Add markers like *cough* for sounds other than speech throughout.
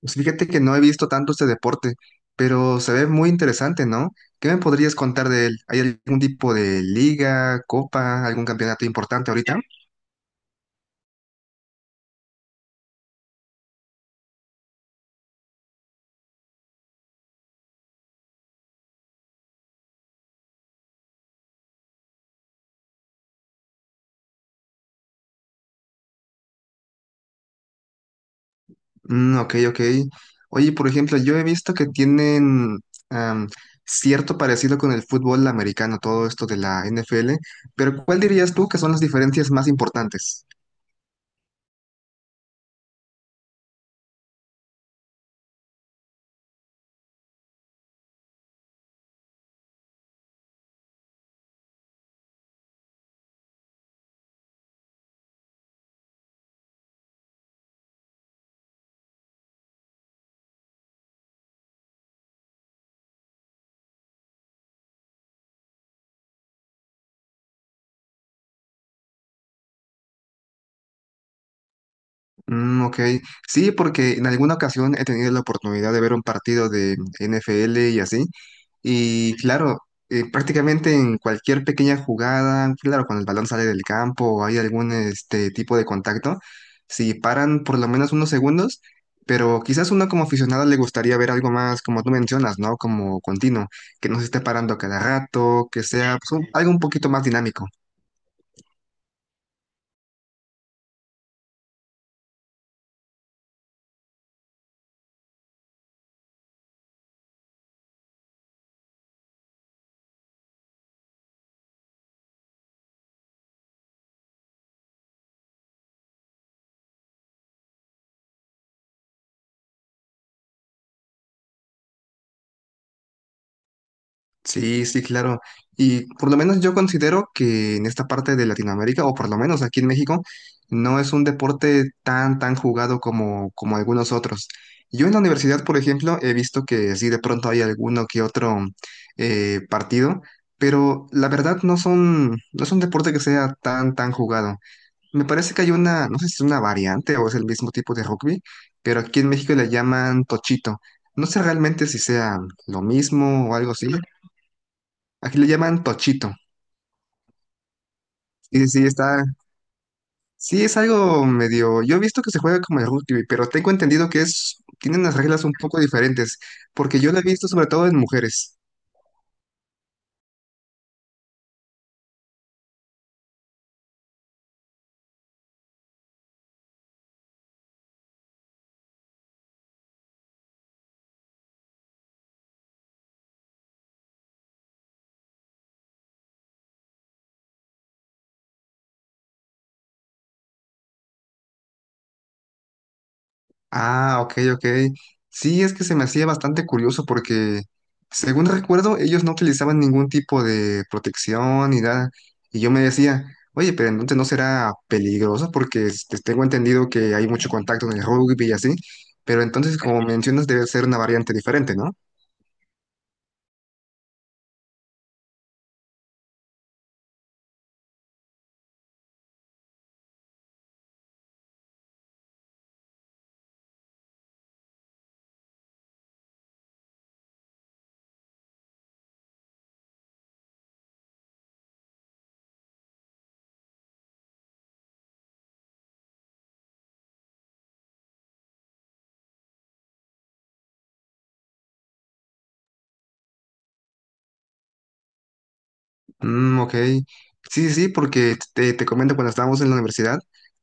Pues fíjate que no he visto tanto este deporte, pero se ve muy interesante, ¿no? ¿Qué me podrías contar de él? ¿Hay algún tipo de liga, copa, algún campeonato importante ahorita? Mm, ok, ok. Oye, por ejemplo, yo he visto que tienen am, cierto parecido con el fútbol americano, todo esto de la NFL, pero ¿cuál dirías tú que son las diferencias más importantes? Mm, ok, sí, porque en alguna ocasión he tenido la oportunidad de ver un partido de NFL y así, y claro, prácticamente en cualquier pequeña jugada, claro, cuando el balón sale del campo o hay algún este tipo de contacto, si paran por lo menos unos segundos, pero quizás uno como aficionado le gustaría ver algo más, como tú mencionas, ¿no? Como continuo, que no se esté parando cada rato, que sea pues, algo un poquito más dinámico. Sí, sí, claro. Y por lo menos yo considero que en esta parte de Latinoamérica, o por lo menos aquí en México, no es un deporte tan, tan jugado como, como algunos otros. Yo en la universidad, por ejemplo, he visto que sí, de pronto hay alguno que otro partido, pero la verdad no son, no es un deporte que sea tan, tan jugado. Me parece que hay una, no sé si es una variante o es el mismo tipo de rugby, pero aquí en México le llaman tochito. No sé realmente si sea lo mismo o algo así. Aquí le llaman tochito. Sí, sí, está. Sí, es algo medio. Yo he visto que se juega como el rugby, pero tengo entendido que es. Tienen las reglas un poco diferentes, porque yo lo he visto sobre todo en mujeres. Ah, ok, ok. Sí, es que se me hacía bastante curioso porque, según recuerdo, ellos no utilizaban ningún tipo de protección ni nada. Y yo me decía, oye, pero entonces no será peligroso porque este, tengo entendido que hay mucho contacto en el rugby y así. Pero entonces, como mencionas, debe ser una variante diferente, ¿no? Mm, ok. Sí, sí, porque te comento, cuando estábamos en la universidad,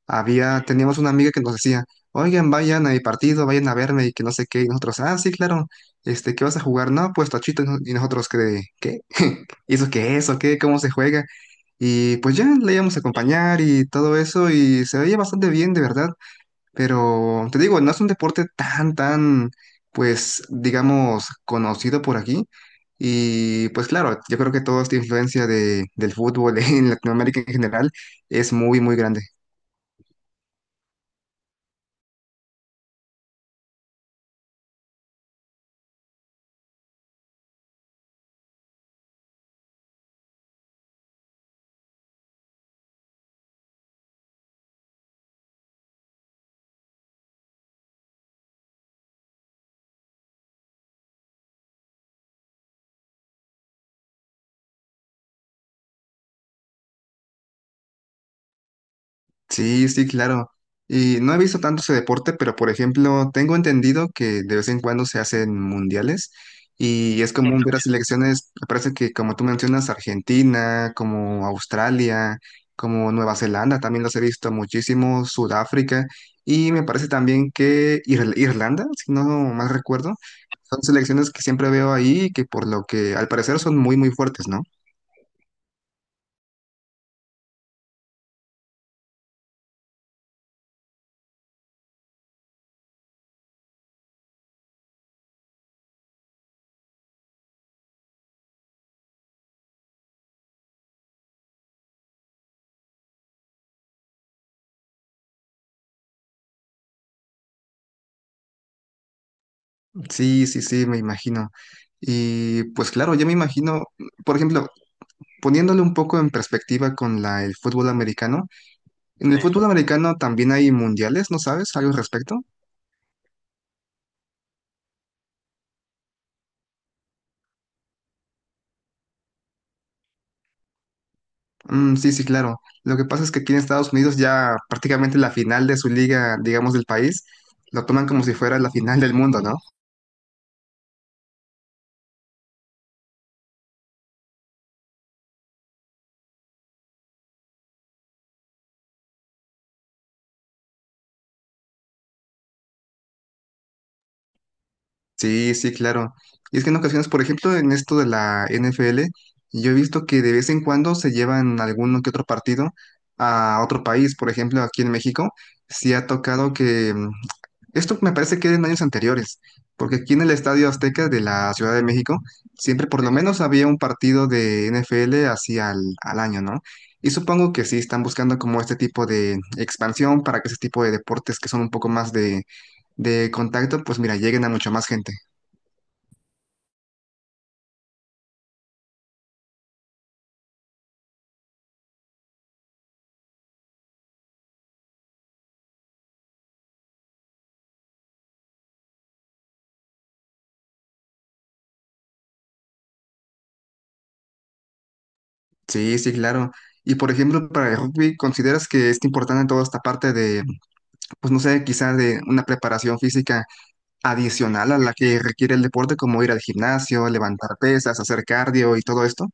había, teníamos una amiga que nos decía, oigan, vayan a mi partido, vayan a verme y que no sé qué, y nosotros, ah, sí, claro, este, ¿qué vas a jugar? No, pues tachito, y no- y nosotros, ¿qué? ¿Qué? *laughs* ¿Y eso qué es? ¿O qué? ¿Cómo se juega? Y pues ya le íbamos a acompañar y todo eso, y se veía bastante bien, de verdad. Pero te digo, no es un deporte tan, tan, pues, digamos, conocido por aquí. Y pues claro, yo creo que toda esta influencia de, del fútbol *laughs* en Latinoamérica en general es muy, muy grande. Sí, sí, claro. Y no he visto tanto ese deporte, pero por ejemplo, tengo entendido que de vez en cuando se hacen mundiales y es común ver a selecciones, me parece que como tú mencionas, Argentina, como Australia, como Nueva Zelanda, también los he visto muchísimo, Sudáfrica y me parece también que Irlanda, si no mal recuerdo, son selecciones que siempre veo ahí y que por lo que al parecer son muy, muy fuertes, ¿no? Sí, sí, sí, me imagino. Y pues claro, yo me imagino, por ejemplo, poniéndole un poco en perspectiva con la, el fútbol americano, en el Sí. fútbol americano también hay mundiales, ¿no sabes algo al respecto? Mm, sí, sí, claro. Lo que pasa es que aquí en Estados Unidos ya prácticamente la final de su liga, digamos, del país, lo toman como si fuera la final del mundo, ¿no? Sí, sí, claro. Y es que en ocasiones, por ejemplo, en esto de la NFL, yo he visto que de vez en cuando se llevan alguno que otro partido a otro país. Por ejemplo, aquí en México, sí ha tocado que... mm, esto me parece que era en años anteriores, porque aquí en el Estadio Azteca de la Ciudad de México, siempre por lo menos había un partido de NFL así al, al año, ¿no? Y supongo que sí están buscando como este tipo de expansión para que ese tipo de deportes que son un poco más de contacto, pues mira, lleguen a mucho más gente. Sí, sí, claro. Y por ejemplo, para el rugby, ¿consideras que es importante toda esta parte de, pues no sé, quizás de una preparación física adicional a la que requiere el deporte, como ir al gimnasio, levantar pesas, hacer cardio y todo esto?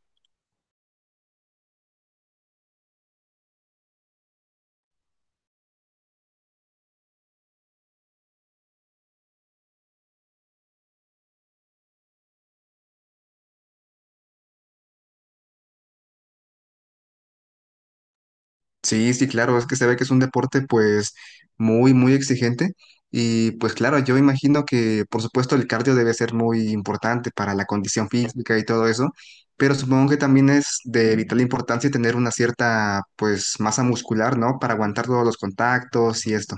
Sí, sí, claro, es que se ve que es un deporte pues muy, muy exigente y pues claro, yo imagino que por supuesto el cardio debe ser muy importante para la condición física y todo eso, pero supongo que también es de vital importancia tener una cierta pues masa muscular, ¿no? Para aguantar todos los contactos y esto.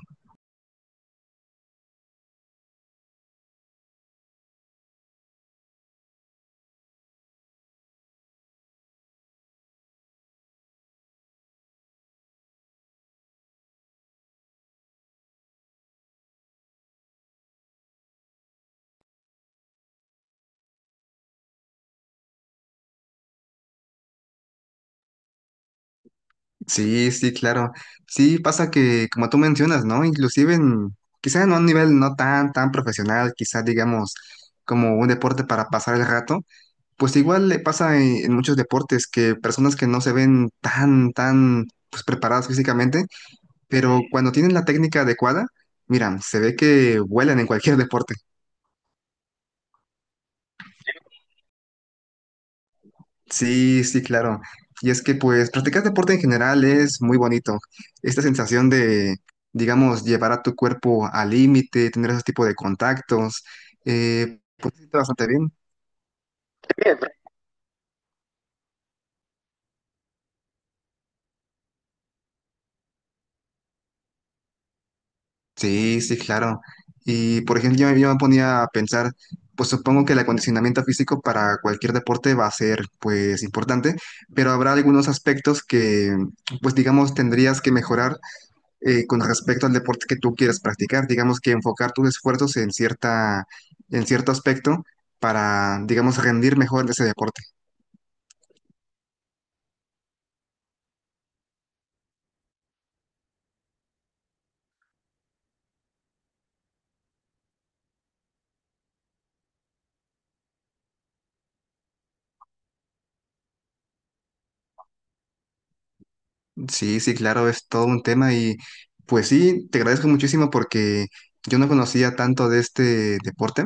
Sí, sí, claro. Sí, pasa que como tú mencionas, ¿no? Inclusive en, quizá en un nivel no tan, tan profesional, quizá digamos como un deporte para pasar el rato. Pues igual le pasa en muchos deportes que personas que no se ven tan, tan pues, preparadas físicamente, pero cuando tienen la técnica adecuada, mira, se ve que vuelan en cualquier *laughs* deporte. Sí, sí, claro. Y es que pues practicar deporte en general es muy bonito. Esta sensación de, digamos, llevar a tu cuerpo al límite, tener ese tipo de contactos, pues se siente bastante bien. Sí, sí, claro. Y por ejemplo, yo me ponía a pensar, pues supongo que el acondicionamiento físico para cualquier deporte va a ser pues importante, pero habrá algunos aspectos que pues digamos tendrías que mejorar con respecto al deporte que tú quieres practicar, digamos que enfocar tus esfuerzos en cierta, en cierto aspecto para digamos rendir mejor en ese deporte. Sí, sí, claro, es todo un tema y pues sí, te agradezco muchísimo porque yo no conocía tanto de este deporte.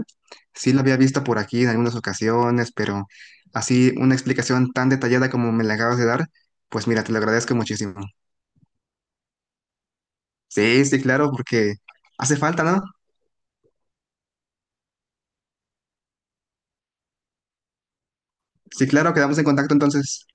Sí lo había visto por aquí en algunas ocasiones, pero así una explicación tan detallada como me la acabas de dar, pues mira, te lo agradezco muchísimo. Sí, sí, claro, porque hace falta, ¿no? Sí, claro, quedamos en contacto entonces.